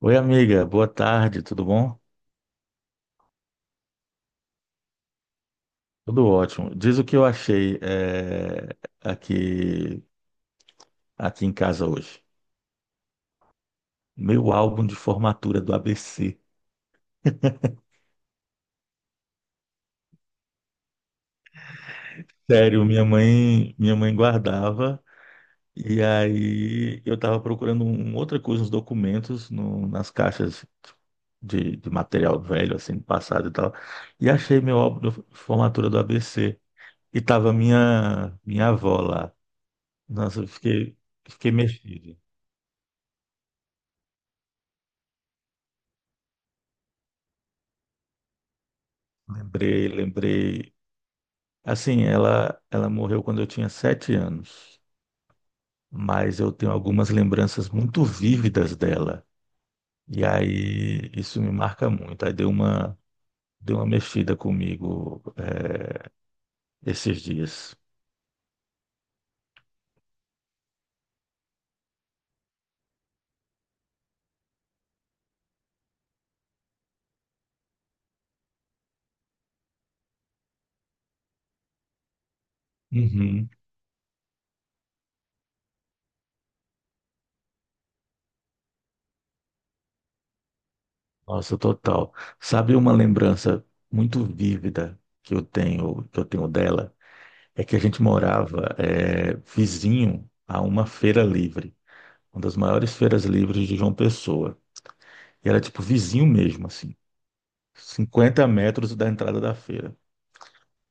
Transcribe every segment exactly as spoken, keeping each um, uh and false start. Oi, amiga, boa tarde, tudo bom? Tudo ótimo. Diz o que eu achei eh, aqui, aqui em casa hoje. Meu álbum de formatura do A B C. Sério, minha mãe, minha mãe guardava. E aí eu estava procurando um, outra coisa nos documentos, no- nas caixas de, de material velho, assim, do passado e tal. E achei meu álbum de formatura do A B C. E tava minha, minha avó lá. Nossa, eu fiquei, fiquei mexido. Lembrei, lembrei. Assim, ela, ela morreu quando eu tinha sete anos, mas eu tenho algumas lembranças muito vívidas dela. E aí isso me marca muito. Aí deu uma, deu uma mexida comigo, eh, esses dias. Uhum. Nossa, total. Sabe uma lembrança muito vívida que eu tenho, que eu tenho dela? É que a gente morava, eh, vizinho a uma feira livre, uma das maiores feiras livres de João Pessoa. E era tipo vizinho mesmo, assim, cinquenta metros da entrada da feira.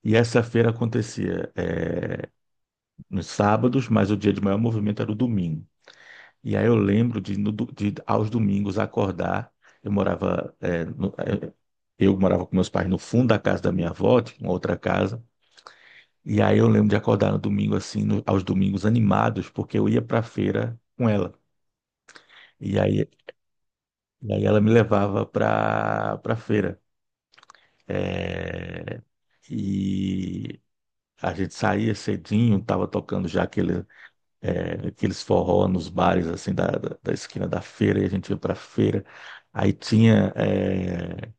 E essa feira acontecia é, nos sábados, mas o dia de maior movimento era o domingo. E aí eu lembro de, no do- de aos domingos acordar. Eu morava, é, no- é, eu morava com meus pais no fundo da casa da minha avó, tinha uma outra casa. E aí eu lembro de acordar no domingo assim, no- aos domingos animados, porque eu ia para a feira com ela. E aí, e aí ela me levava para para a feira. É, e a gente saía cedinho, tava tocando já aquele, é, aqueles forró nos bares assim da, da, da esquina da feira, e a gente ia pra feira. Aí tinha, é,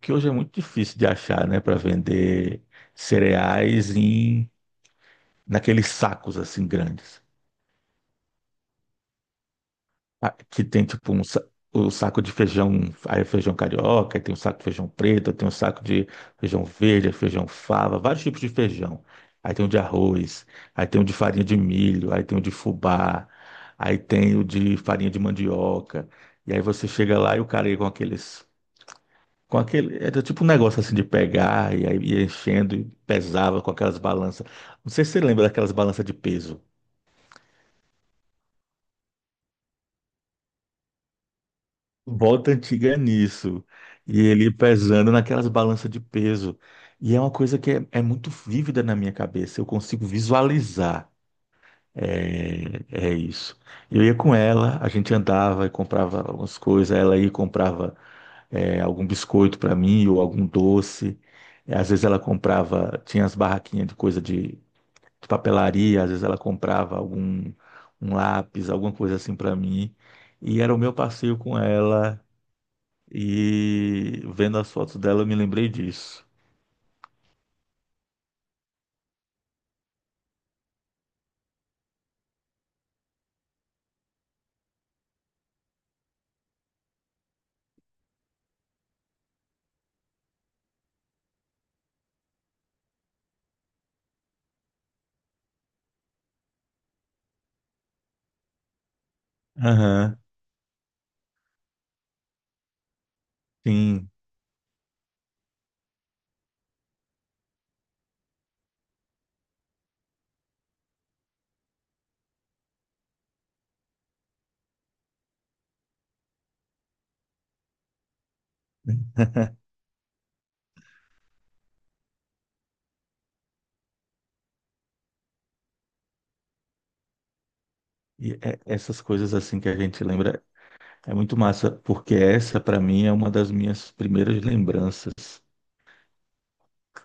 que hoje é muito difícil de achar, né, para vender cereais em naqueles sacos assim grandes. Ah, que tem tipo um, sa- o saco de feijão, aí é feijão carioca, aí tem um saco de feijão preto, aí tem um saco de feijão verde, feijão fava, vários tipos de feijão. Aí tem o de arroz, aí tem o de farinha de milho, aí tem o de fubá, aí tem o de farinha de mandioca. E aí você chega lá e o cara aí com aqueles, com aquele, era tipo um negócio assim de pegar e aí ia enchendo e pesava com aquelas balanças. Não sei se você lembra daquelas balanças de peso. Volta antiga é nisso. E ele pesando naquelas balanças de peso. E é uma coisa que é, é muito vívida na minha cabeça. Eu consigo visualizar. É, é isso. Eu ia com ela, a gente andava e comprava algumas coisas. Ela ia e comprava é, algum biscoito para mim ou algum doce. É, às vezes ela comprava, tinha as barraquinhas de coisa de, de papelaria. Às vezes ela comprava algum um lápis, alguma coisa assim para mim. E era o meu passeio com ela. E vendo as fotos dela, eu me lembrei disso. Aham, sim. E é- essas coisas assim que a gente lembra é muito massa, porque essa para mim é uma das minhas primeiras lembranças.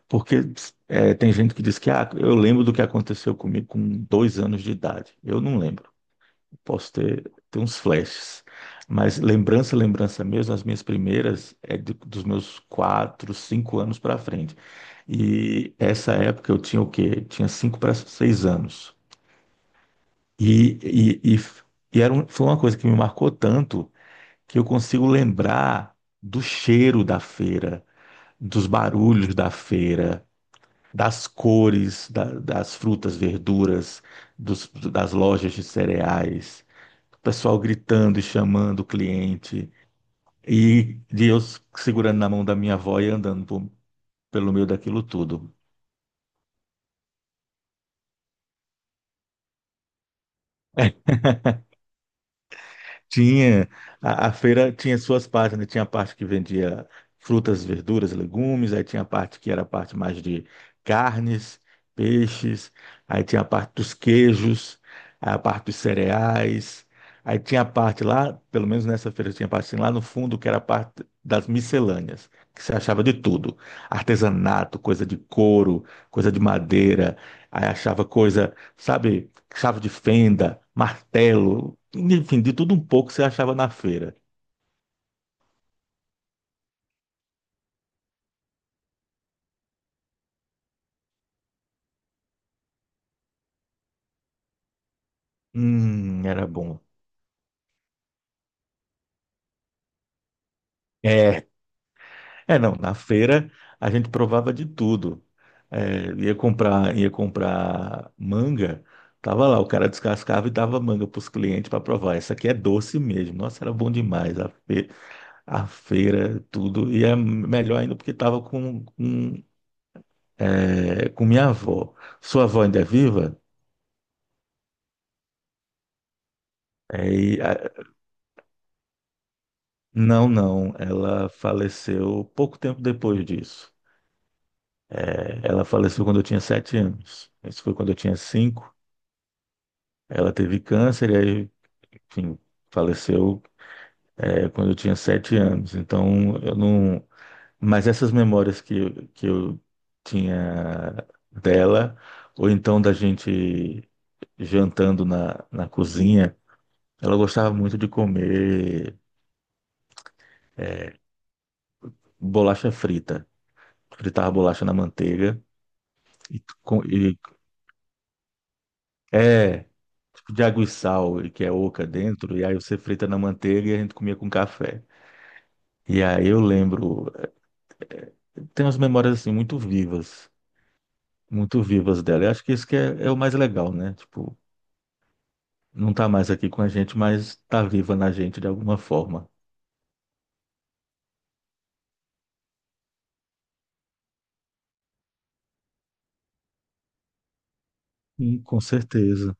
Porque é, tem gente que diz que ah, eu lembro do que aconteceu comigo com dois anos de idade. Eu não lembro. Posso ter, ter uns flashes. Mas lembrança, lembrança mesmo, as minhas primeiras é de- dos meus quatro, cinco anos para frente. E essa época eu tinha o quê? Tinha cinco para seis anos. E, e, e, f- e era um- foi uma coisa que me marcou tanto que eu consigo lembrar do cheiro da feira, dos barulhos da feira, das cores da- das frutas, verduras, dos- das lojas de cereais, o pessoal gritando e chamando o cliente, e, e eu segurando na mão da minha avó e andando por- pelo meio daquilo tudo. Tinha, a, a feira tinha suas partes, né? Tinha a parte que vendia frutas, verduras, legumes, aí tinha a parte que era a parte mais de carnes, peixes, aí tinha a parte dos queijos, aí a parte dos cereais, aí tinha a parte lá, pelo menos nessa feira tinha a parte assim, lá no fundo, que era a parte das miscelâneas, que se achava de tudo, artesanato, coisa de couro, coisa de madeira, aí achava coisa, sabe? Chave de fenda, martelo, enfim, de tudo um pouco você achava na feira. Hum, era bom. É, é não, na feira a gente provava de tudo. É, ia comprar, ia comprar manga, tava lá, o cara descascava e dava manga para os clientes para provar. Essa aqui é doce mesmo. Nossa, era bom demais. A, fe- a feira, tudo. E é melhor ainda porque tava com, com, é, com minha avó. Sua avó ainda é viva? É, não, não. Ela faleceu pouco tempo depois disso. É, ela faleceu quando eu tinha sete anos. Isso foi quando eu tinha cinco. Ela teve câncer e aí, enfim, faleceu, é, quando eu tinha sete anos. Então, eu não. Mas essas memórias que, que eu tinha dela, ou então da gente jantando na, na cozinha, ela gostava muito de comer bolacha frita. Fritava bolacha na manteiga. E, com- e É, tipo de água e sal, e que é oca dentro, e aí você frita na manteiga e a gente comia com café. E aí eu lembro, tem umas memórias assim muito vivas, muito vivas dela. Eu acho que isso que é, é o mais legal, né? Tipo, não tá mais aqui com a gente, mas tá viva na gente de alguma forma. Sim, com certeza.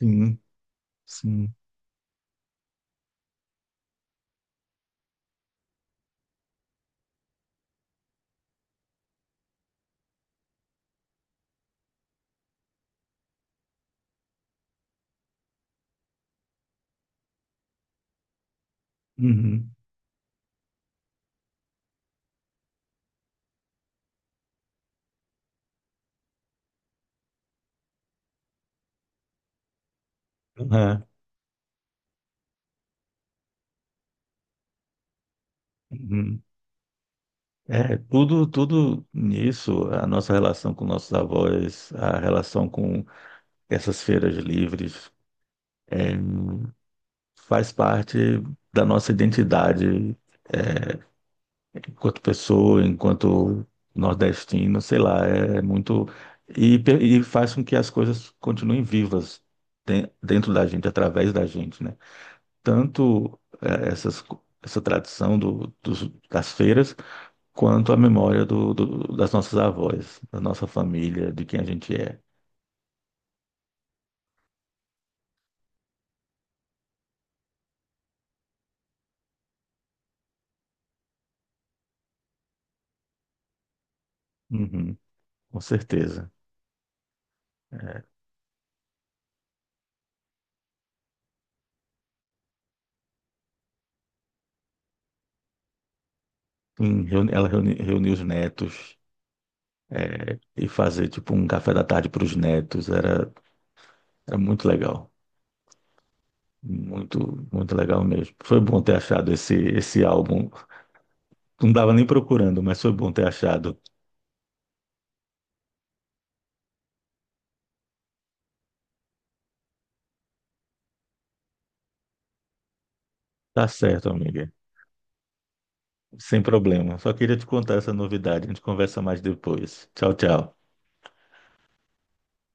Sim, sim. Uhum. É, uhum. É, tudo, tudo nisso, a nossa relação com nossos avós, a relação com essas feiras livres. É, faz parte da nossa identidade enquanto pessoa, enquanto nordestino, sei lá, é muito. E, pe- e faz com que as coisas continuem vivas de- dentro da gente, através da gente, né? Tanto eh, essas, co- essa tradição do, dos- das feiras, quanto a memória do, do- das nossas avós, da nossa família, de quem a gente é. Uhum, com certeza. É, sim, reuni- ela reuni- reuniu os netos. É, e fazer tipo um café da tarde para os netos era, era muito legal. Muito, muito legal mesmo. Foi bom ter achado esse, esse álbum. Não dava nem procurando, mas foi bom ter achado. Tá certo, amiga. Sem problema. Só queria te contar essa novidade. A gente conversa mais depois. Tchau, tchau.